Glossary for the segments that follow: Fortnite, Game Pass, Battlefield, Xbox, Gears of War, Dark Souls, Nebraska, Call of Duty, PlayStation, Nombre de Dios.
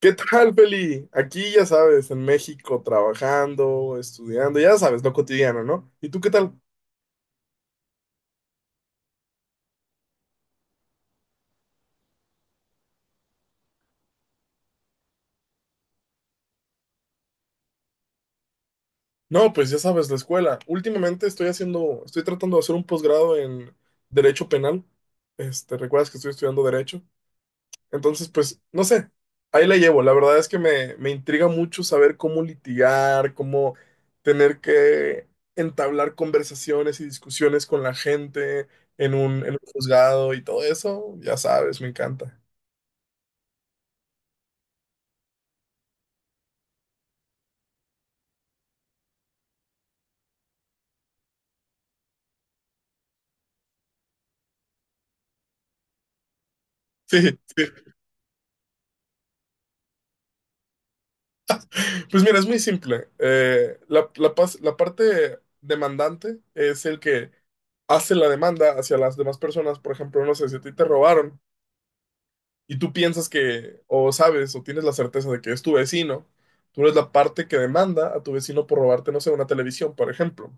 ¿Qué tal, Feli? Aquí, ya sabes, en México, trabajando, estudiando, ya sabes, lo cotidiano, ¿no? ¿Y tú qué tal? No, pues ya sabes, la escuela. Últimamente estoy tratando de hacer un posgrado en Derecho Penal. ¿Recuerdas que estoy estudiando Derecho? Entonces, pues, no sé, ahí la llevo. La verdad es que me intriga mucho saber cómo litigar, cómo tener que entablar conversaciones y discusiones con la gente en en un juzgado y todo eso. Ya sabes, me encanta. Sí, sí. Pues mira, es muy simple. La parte demandante es el que hace la demanda hacia las demás personas. Por ejemplo, no sé, si a ti te robaron y tú piensas que, o sabes, o tienes la certeza de que es tu vecino, tú eres la parte que demanda a tu vecino por robarte, no sé, una televisión, por ejemplo.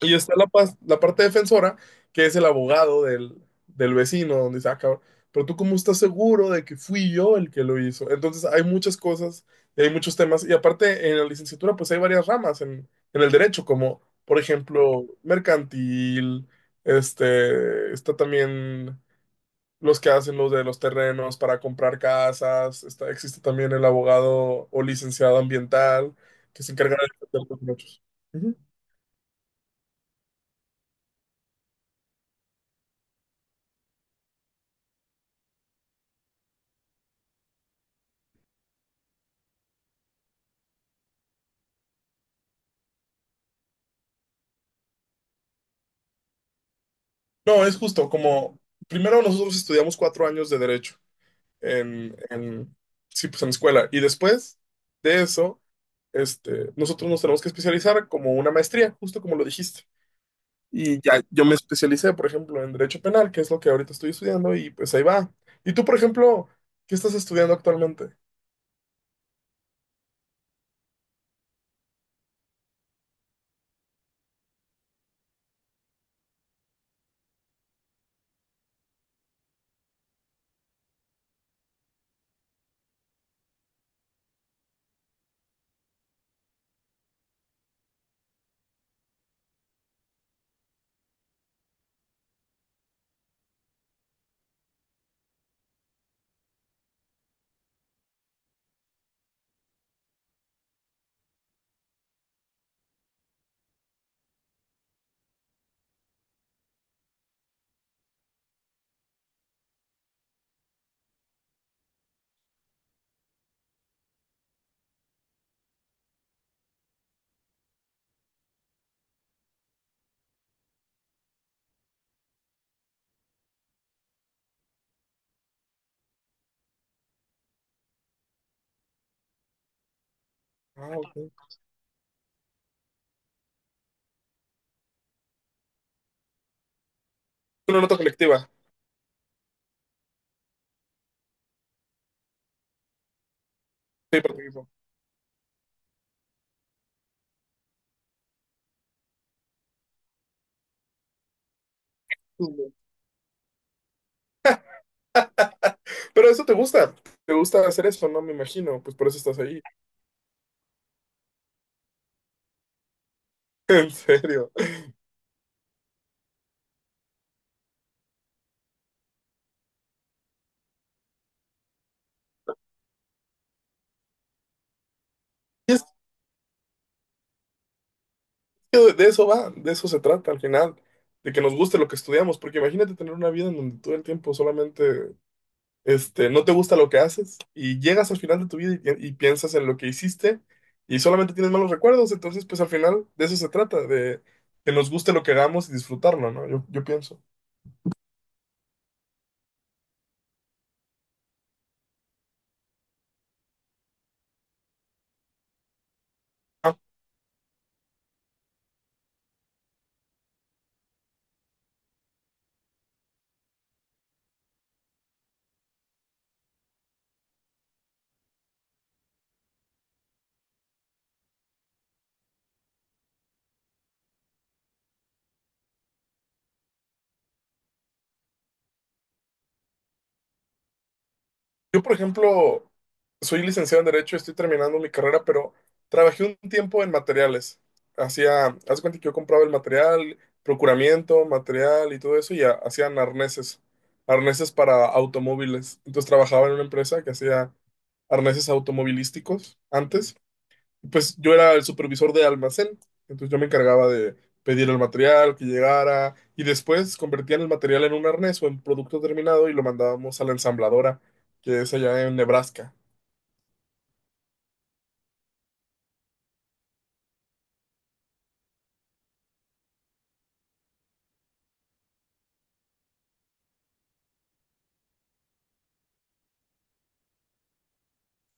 Y está la parte defensora, que es el abogado del vecino, donde dice, ah, cabrón, pero tú cómo estás seguro de que fui yo el que lo hizo. Entonces hay muchas cosas, y hay muchos temas, y aparte en la licenciatura pues hay varias ramas en, el derecho, como por ejemplo mercantil, está también los que hacen los de los terrenos para comprar casas, está, existe también el abogado o licenciado ambiental, que se encarga de defender los derechos. No, es justo, como primero nosotros estudiamos 4 años de derecho en, en- sí, pues en escuela, y después de eso, nosotros nos tenemos que especializar como una maestría, justo como lo dijiste. Y ya yo me especialicé, por ejemplo, en derecho penal, que es lo que ahorita estoy estudiando, y pues ahí va. Y tú, por ejemplo, ¿qué estás estudiando actualmente? Ah, ok. Una nota colectiva. Sí, por ejemplo. Pero eso te gusta hacer eso, ¿no? Me imagino, pues por eso estás ahí. En serio. De eso va, de eso se trata al final, de que nos guste lo que estudiamos, porque imagínate tener una vida en donde todo el tiempo solamente, no te gusta lo que haces y llegas al final de tu vida y piensas en lo que hiciste y solamente tienes malos recuerdos, entonces pues al final de eso se trata, de que nos guste lo que hagamos y disfrutarlo, ¿no? Yo pienso. Yo, por ejemplo, soy licenciado en Derecho, estoy terminando mi carrera, pero trabajé un tiempo en materiales. Haz de cuenta que yo compraba el material, procuramiento, material y todo eso, y hacían arneses, arneses para automóviles. Entonces trabajaba en una empresa que hacía arneses automovilísticos antes. Pues yo era el supervisor de almacén, entonces yo me encargaba de pedir el material que llegara y después convertían el material en un arnés o en producto terminado y lo mandábamos a la ensambladora, que es allá en Nebraska.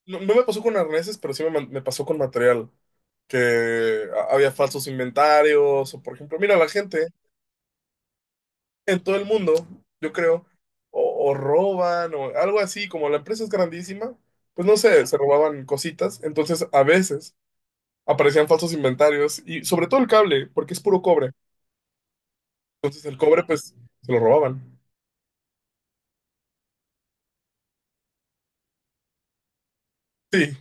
No, no me pasó con arneses, pero sí me pasó con material, que había falsos inventarios o por ejemplo, mira la gente en todo el mundo, yo creo, o roban o algo así, como la empresa es grandísima, pues no sé, se robaban cositas, entonces a veces aparecían falsos inventarios y sobre todo el cable, porque es puro cobre, entonces el cobre pues se lo robaban. Sí,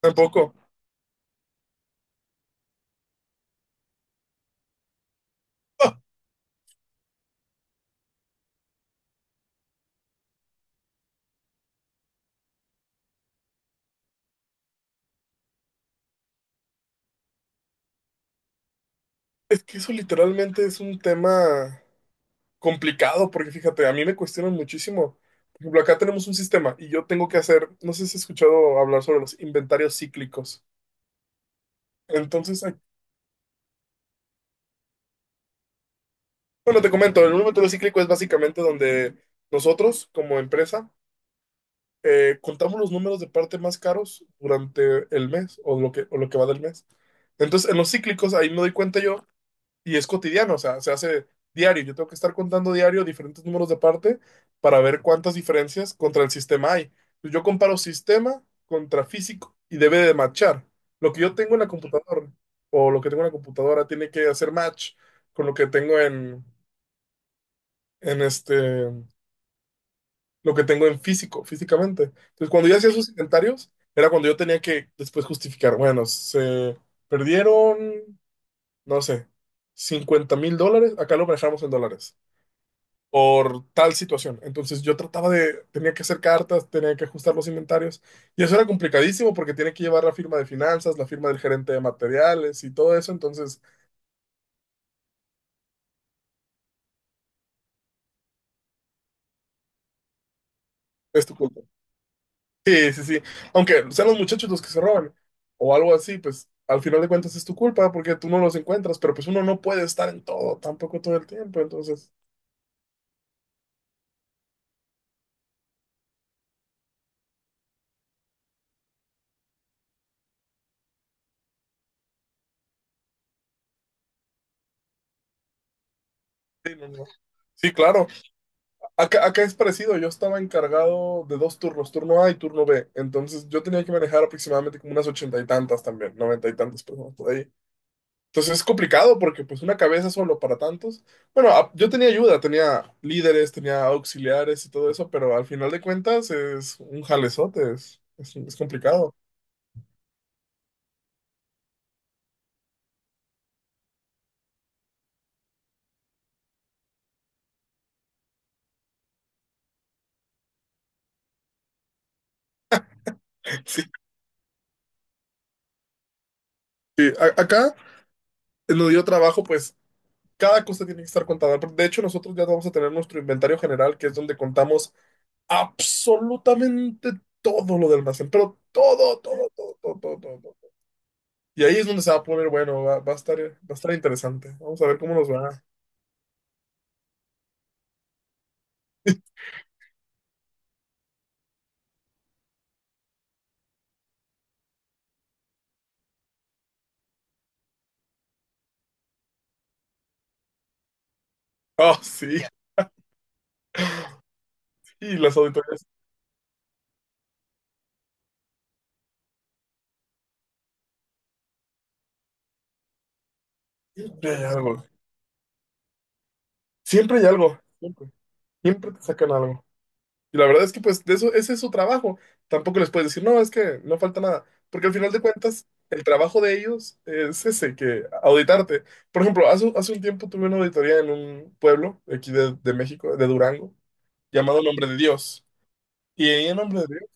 tampoco. Ah, es que eso literalmente es un tema complicado, porque fíjate, a mí me cuestionan muchísimo. Por ejemplo, acá tenemos un sistema y yo tengo que hacer, no sé si has escuchado hablar sobre los inventarios cíclicos. Entonces, bueno, te comento, el número de cíclico es básicamente donde nosotros, como empresa, contamos los números de parte más caros durante el mes o o lo que va del mes. Entonces, en los cíclicos, ahí me doy cuenta yo, y es cotidiano, o sea, se hace diario. Yo tengo que estar contando diario diferentes números de parte para ver cuántas diferencias contra el sistema hay. Yo comparo sistema contra físico y debe de matchar. Lo que yo tengo en la computadora o lo que tengo en la computadora tiene que hacer match con lo que tengo en en este, lo que tengo en físico, físicamente. Entonces, cuando yo hacía sus inventarios, era cuando yo tenía que después justificar, bueno, se perdieron, no sé, $50,000, acá lo manejamos en dólares, por tal situación. Entonces, tenía que hacer cartas, tenía que ajustar los inventarios, y eso era complicadísimo porque tiene que llevar la firma de finanzas, la firma del gerente de materiales y todo eso, entonces, es tu culpa. Sí, sí, sí. Aunque sean los muchachos los que se roban o algo así, pues al final de cuentas es tu culpa porque tú no los encuentras, pero pues uno no puede estar en todo, tampoco todo el tiempo, entonces, sí, no, no. Sí, claro. Acá, acá es parecido, yo estaba encargado de dos turnos, turno A y turno B, entonces yo tenía que manejar aproximadamente como unas 80 y tantas también, 90 y tantas personas. Entonces es complicado porque pues una cabeza solo para tantos. Bueno, yo tenía ayuda, tenía líderes, tenía auxiliares y todo eso, pero al final de cuentas es un jalezote, es complicado. Sí, sí, acá nos dio trabajo, pues cada cosa tiene que estar contada. De hecho, nosotros ya vamos a tener nuestro inventario general, que es donde contamos absolutamente todo lo del almacén, pero todo, todo, todo, todo, todo, todo, todo. Y ahí es donde se va a poner, bueno, va a estar interesante. Vamos a ver cómo nos va. Oh, sí. Y las auditorías, siempre hay algo, siempre hay algo, siempre, siempre te sacan algo. Y la verdad es que pues de eso, ese es su trabajo. Tampoco les puedes decir, no, es que no falta nada. Porque al final de cuentas, el trabajo de ellos es ese, que auditarte. Por ejemplo, hace un tiempo tuve una auditoría en un pueblo de aquí de México, de Durango, llamado Nombre de Dios. Y ahí en Nombre de Dios,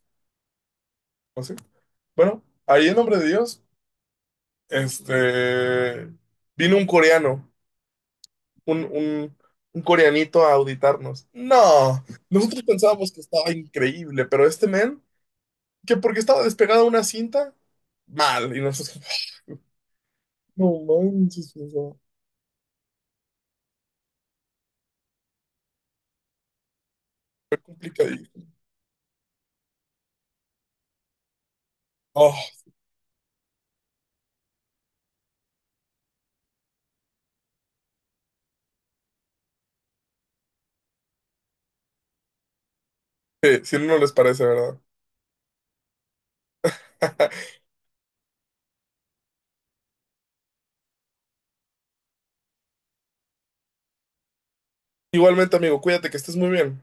no sé. Bueno, ahí en Nombre de Dios, este, vino un coreano un, un, un coreanito a auditarnos. No, nosotros pensábamos que estaba increíble, pero este men, que porque estaba despegada una cinta, mal. Y nosotros, "Ah, no manches, no, complicadito". Oh, sí, si no, no les parece, ¿verdad? Igualmente, amigo, cuídate que estés muy bien.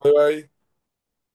Bye bye.